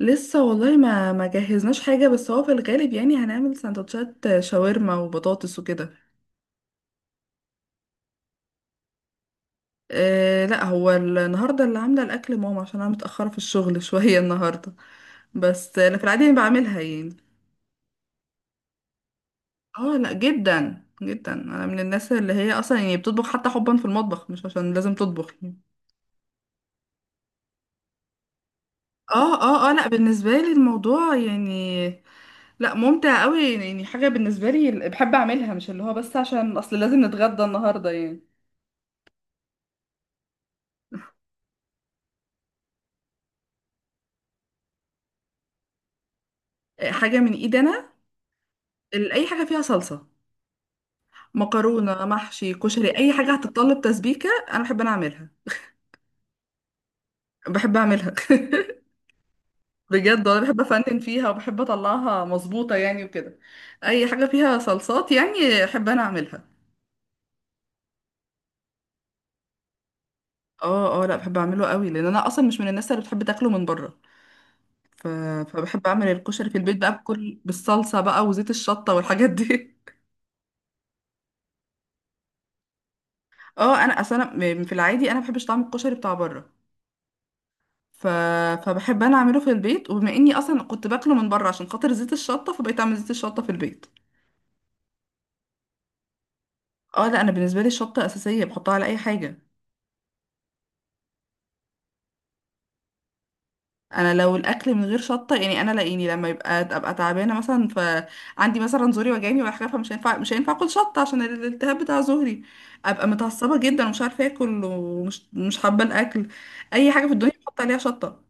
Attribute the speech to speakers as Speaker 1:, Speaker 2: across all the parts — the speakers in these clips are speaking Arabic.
Speaker 1: لسه والله ما جهزناش حاجة، بس هو في الغالب يعني هنعمل سندوتشات شاورما وبطاطس وكده. أه لا، هو النهاردة اللي عاملة الأكل ماما عشان أنا متأخرة في الشغل شوية النهاردة. بس أنا في العادي يعني بعملها يعني. اه لا، جدا جدا أنا من الناس اللي هي أصلا يعني بتطبخ حتى حبا في المطبخ، مش عشان لازم تطبخ يعني. اه، اه، اه، لا بالنسبة لي الموضوع يعني، لا ممتع قوي يعني. حاجة بالنسبة لي بحب أعملها، مش اللي هو بس عشان أصل لازم نتغدى النهاردة يعني. حاجة من ايدي انا. اي حاجه فيها صلصه، مكرونه، محشي، كشري، اي حاجه هتتطلب تسبيكه انا بحب انا اعملها. بحب اعملها بجد والله بحب افنن فيها وبحب اطلعها مظبوطه يعني وكده. اي حاجه فيها صلصات يعني احب انا اعملها. اه اه، لا بحب اعمله قوي لان انا اصلا مش من الناس اللي بتحب تاكله من بره. ف... فبحب اعمل الكشري في البيت بقى، بكل بالصلصه بقى وزيت الشطه والحاجات دي اه، انا اصلا في العادي انا ما بحبش طعم الكشري بتاع بره. ف... فبحب انا اعمله في البيت، وبما اني اصلا كنت باكله من بره عشان خاطر زيت الشطه، فبقيت اعمل زيت الشطه في البيت. اه لا، انا بالنسبه لي الشطه اساسيه بحطها على اي حاجه. انا لو الاكل من غير شطه، يعني انا لاقيني لما يبقى ابقى تعبانه مثلا، فعندي مثلا زوري وجعني ولا حاجه، فمش هينفع مش هينفع اكل شطه عشان الالتهاب بتاع زوري. ابقى متعصبه جدا، ومش عارفه اكل، ومش مش حابه الاكل. اي حاجه في الدنيا بحط عليها شطه.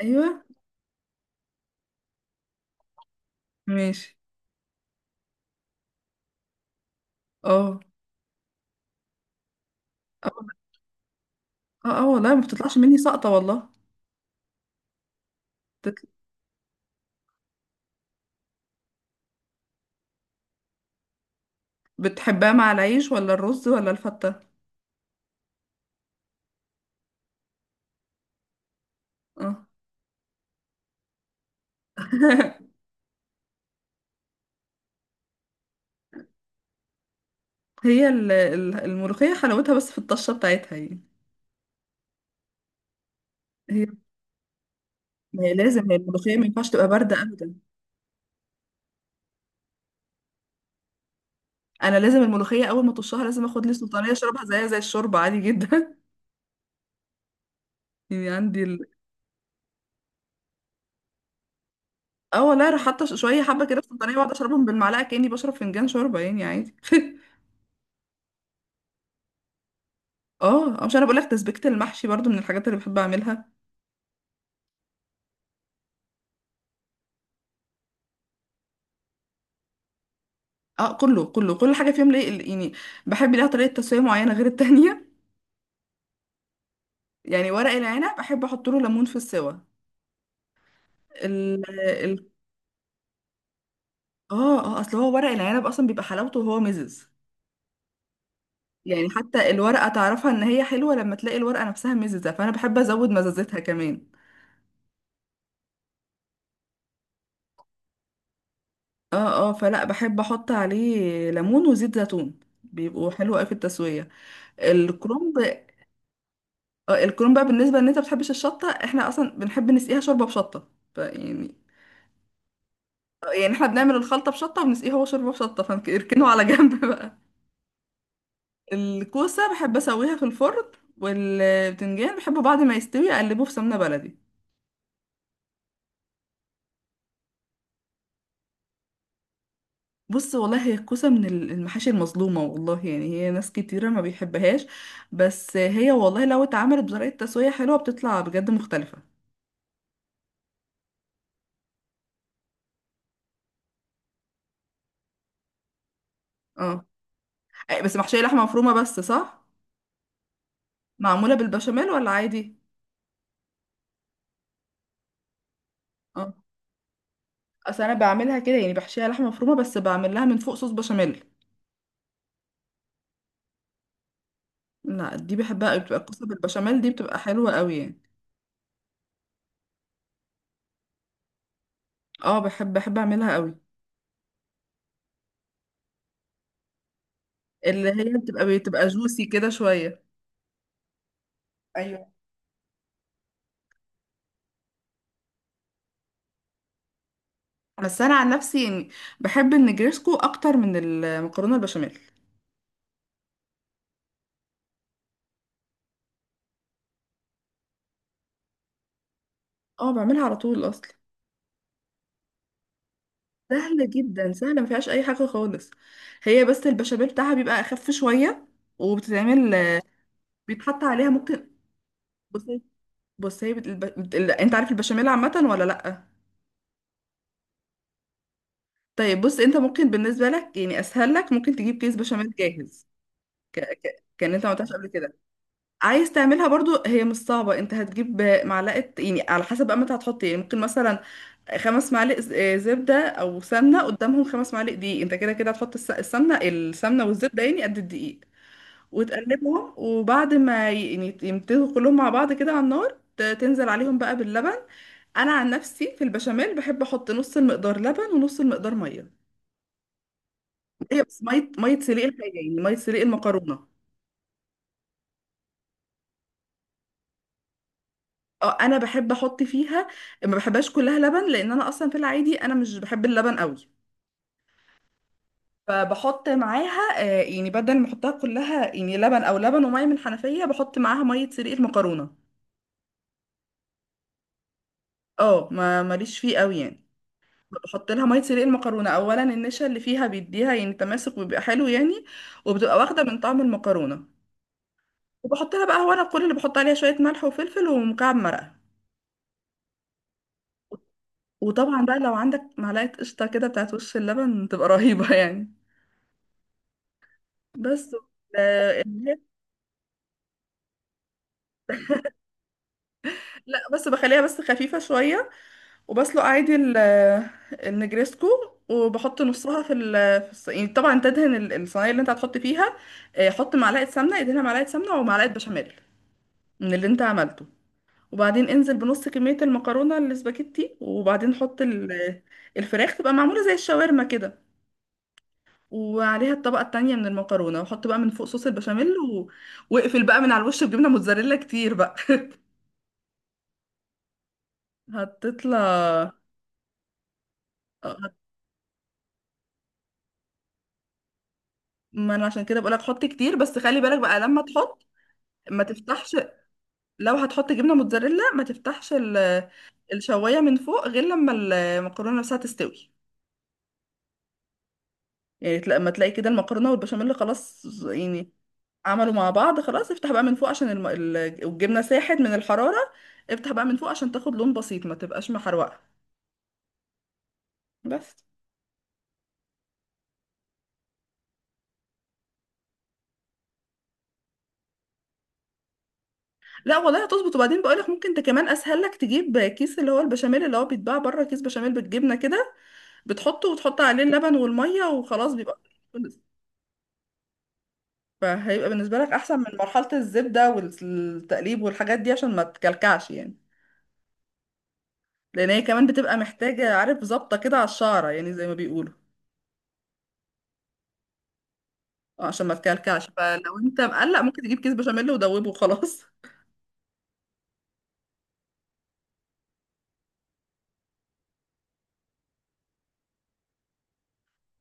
Speaker 1: ايوه، ماشي. اه، اه، اه، والله ما بتطلعش مني ساقطه والله. بتحبها مع العيش ولا الرز ولا الفتة؟ اه هي الملوخية حلاوتها بس في الطشة بتاعتها يعني. هي، ما هي لازم هي الملوخية ما ينفعش تبقى باردة أبدا. أنا لازم الملوخية أول ما طشها لازم آخد لي سلطانية أشربها زيها زي الشوربة عادي جدا. يعني عندي ال... اه والله، راح حاطة شوية حبة كده في سلطانية وأقعد أشربهم بالمعلقة كأني بشرب فنجان شوربة يعني عادي اه، مش أنا بقول لك، تسبيكة المحشي برضو من الحاجات اللي بحب أعملها. اه، كله كل حاجة فيهم ليه يعني. بحب ليها طريقة تسوية معينة غير التانية. يعني ورق العنب احب احط له ليمون في السوا. ال ال اه اه اصل هو ورق العنب اصلا بيبقى حلاوته وهو مزز. يعني حتى الورقه تعرفها ان هي حلوه لما تلاقي الورقه نفسها مززه، فانا بحب ازود مزازتها كمان. اه اه فلا، بحب احط عليه ليمون وزيت زيتون، بيبقوا حلو قوي في التسويه. الكرنب. الكرنب بقى، بالنسبه ان انت ما بتحبش الشطه، احنا اصلا بنحب نسقيها شوربه بشطه. فيعني آه، يعني احنا بنعمل الخلطه بشطه وبنسقيها هو شوربه بشطه، فاركنه على جنب بقى. الكوسة بحب اسويها في الفرن، والبتنجان بحبه بعد ما يستوي اقلبه في سمنة بلدي. بص والله، هي الكوسة من المحاشي المظلومة والله يعني، هي ناس كتيرة ما بيحبهاش. بس هي والله لو اتعملت بطريقة تسوية حلوة بتطلع بجد مختلفة. اه. أي، بس محشية لحمة مفرومة بس صح؟ معمولة بالبشاميل ولا عادي؟ اه، اصل انا بعملها كده، يعني بحشيها لحمة مفرومة بس بعمل لها من فوق صوص بشاميل. لا دي بحبها قوي، بتبقى الكوسة بالبشاميل دي بتبقى حلوة قوي يعني. اه، بحب اعملها قوي. اللي هي بتبقى جوسي كده شوية. ايوه. بس انا عن نفسي يعني بحب النجريسكو اكتر من المكرونة البشاميل. اه، بعملها على طول اصلا. سهلة جدا، سهلة ما فيهاش اي حاجة خالص. هي بس البشاميل بتاعها بيبقى اخف شوية، وبتتعمل، بيتحط عليها ممكن... بصي، بص، هي بت... الب... بت... ال- انت عارف البشاميل عامة ولا لأ؟ طيب، بص انت ممكن بالنسبة لك يعني اسهل لك ممكن تجيب كيس بشاميل جاهز. كان انت ما عملتهاش قبل كده عايز تعملها برضو، هي مش صعبة. انت هتجيب معلقة يعني، على حسب بقى ما انت هتحط ايه، ممكن مثلا خمس معالق زبدة او سمنة، قدامهم خمس معالق دقيق. انت كده كده هتحط السمنة والزبدة يعني قد الدقيق، وتقلبهم، وبعد ما يعني يمتزجوا كلهم مع بعض كده على النار، تنزل عليهم بقى باللبن. انا عن نفسي في البشاميل بحب احط نص المقدار لبن ونص المقدار مية. هي بس، مية سليق الحاجة يعني، مية سليق المكرونة. اه، انا بحب احط فيها، ما بحبهاش كلها لبن لان انا اصلا في العادي انا مش بحب اللبن قوي. فبحط معاها، يعني بدل ما احطها كلها يعني لبن، او لبن وميه من الحنفيه، بحط معاها ميه سلق المكرونه. اه، ما ماليش فيه قوي يعني. بحط لها ميه سلق المكرونه، اولا النشا اللي فيها بيديها يعني تماسك وبيبقى حلو يعني، وبتبقى واخده من طعم المكرونه. وبحط لها بقى، هو انا كل اللي بحط عليها شويه ملح وفلفل ومكعب مرقه. وطبعا بقى لو عندك معلقه قشطه كده بتاعت وش اللبن، تبقى رهيبه يعني. بس. آه، لا، بس بخليها بس خفيفة شوية، وبسلق عادي النجريسكو، وبحط نصها في يعني طبعا تدهن الصينية اللي انت هتحط فيها. حط معلقة سمنة، ادهنها معلقة سمنة ومعلقة بشاميل من اللي انت عملته، وبعدين انزل بنص كمية المكرونة الاسباجيتي، وبعدين حط الفراخ تبقى معمولة زي الشاورما كده، وعليها الطبقة التانية من المكرونة، وحط بقى من فوق صوص البشاميل، واقفل بقى من على الوش بجبنة موتزاريلا كتير بقى هتطلع. آه، ما انا عشان كده بقولك حط كتير، بس خلي بالك بقى لما تحط ما تفتحش، لو هتحط جبنه موتزاريلا ما تفتحش الشوايه من فوق غير لما المكرونه نفسها تستوي، يعني لما تلاقي كده المكرونه والبشاميل خلاص يعني عملوا مع بعض خلاص، افتح بقى من فوق عشان الجبنه ساحت من الحراره. افتح بقى من فوق عشان تاخد لون بسيط ما تبقاش محروقه. بس. لا والله هتظبط، وبعدين بقولك ممكن انت كمان اسهل لك تجيب كيس اللي هو البشاميل اللي هو بيتباع بره، كيس بشاميل بالجبنه كده، بتحطه وتحط عليه اللبن والمية وخلاص بيبقى خلص. فهيبقى بالنسبة لك أحسن من مرحلة الزبدة والتقليب والحاجات دي عشان ما تكلكعش يعني. لأن هي كمان بتبقى محتاجة عارف، ظابطة كده على الشعرة يعني، زي ما بيقولوا. عشان ما تكلكعش، فلو أنت مقلق ممكن تجيب كيس بشاميل ودوبه وخلاص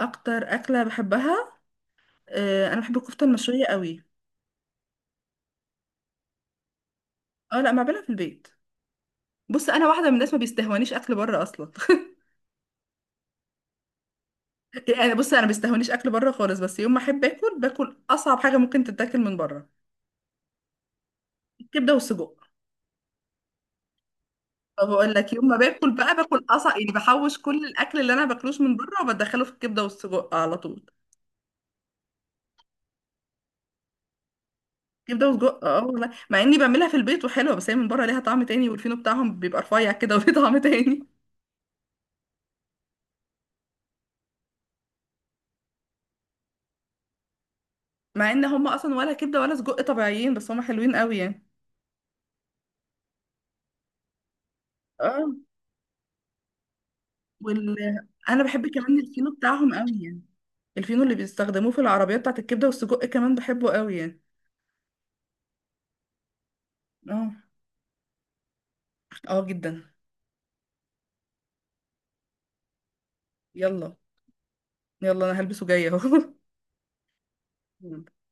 Speaker 1: أكتر أكلة بحبها، أنا بحب الكفتة المشوية قوي. أه لا، ما بعملها في البيت. بص انا واحده من الناس ما بيستهونيش اكل بره اصلا. يعني بص، انا ما بيستهونيش اكل بره خالص، بس يوم ما احب اكل باكل اصعب حاجه ممكن تتاكل من بره: كبده وسجق. فبقول لك، يوم ما باكل بقى باكل قصع يعني، بحوش كل الاكل اللي انا باكلوش من بره وبدخله في الكبده والسجق على طول. كبده وسجق، اه والله، مع اني بعملها في البيت وحلوه، بس هي من بره ليها طعم تاني، والفينو بتاعهم بيبقى رفيع كده وليه طعم تاني. مع ان هم اصلا ولا كبده ولا سجق طبيعيين، بس هم حلوين قوي يعني. اه. وال انا بحب كمان الفينو بتاعهم قوي يعني. الفينو اللي بيستخدموه في العربيه بتاعت الكبده والسجق كمان بحبه قوي يعني. اه. اه جدا. يلا. يلا، انا هلبسه جايه اهو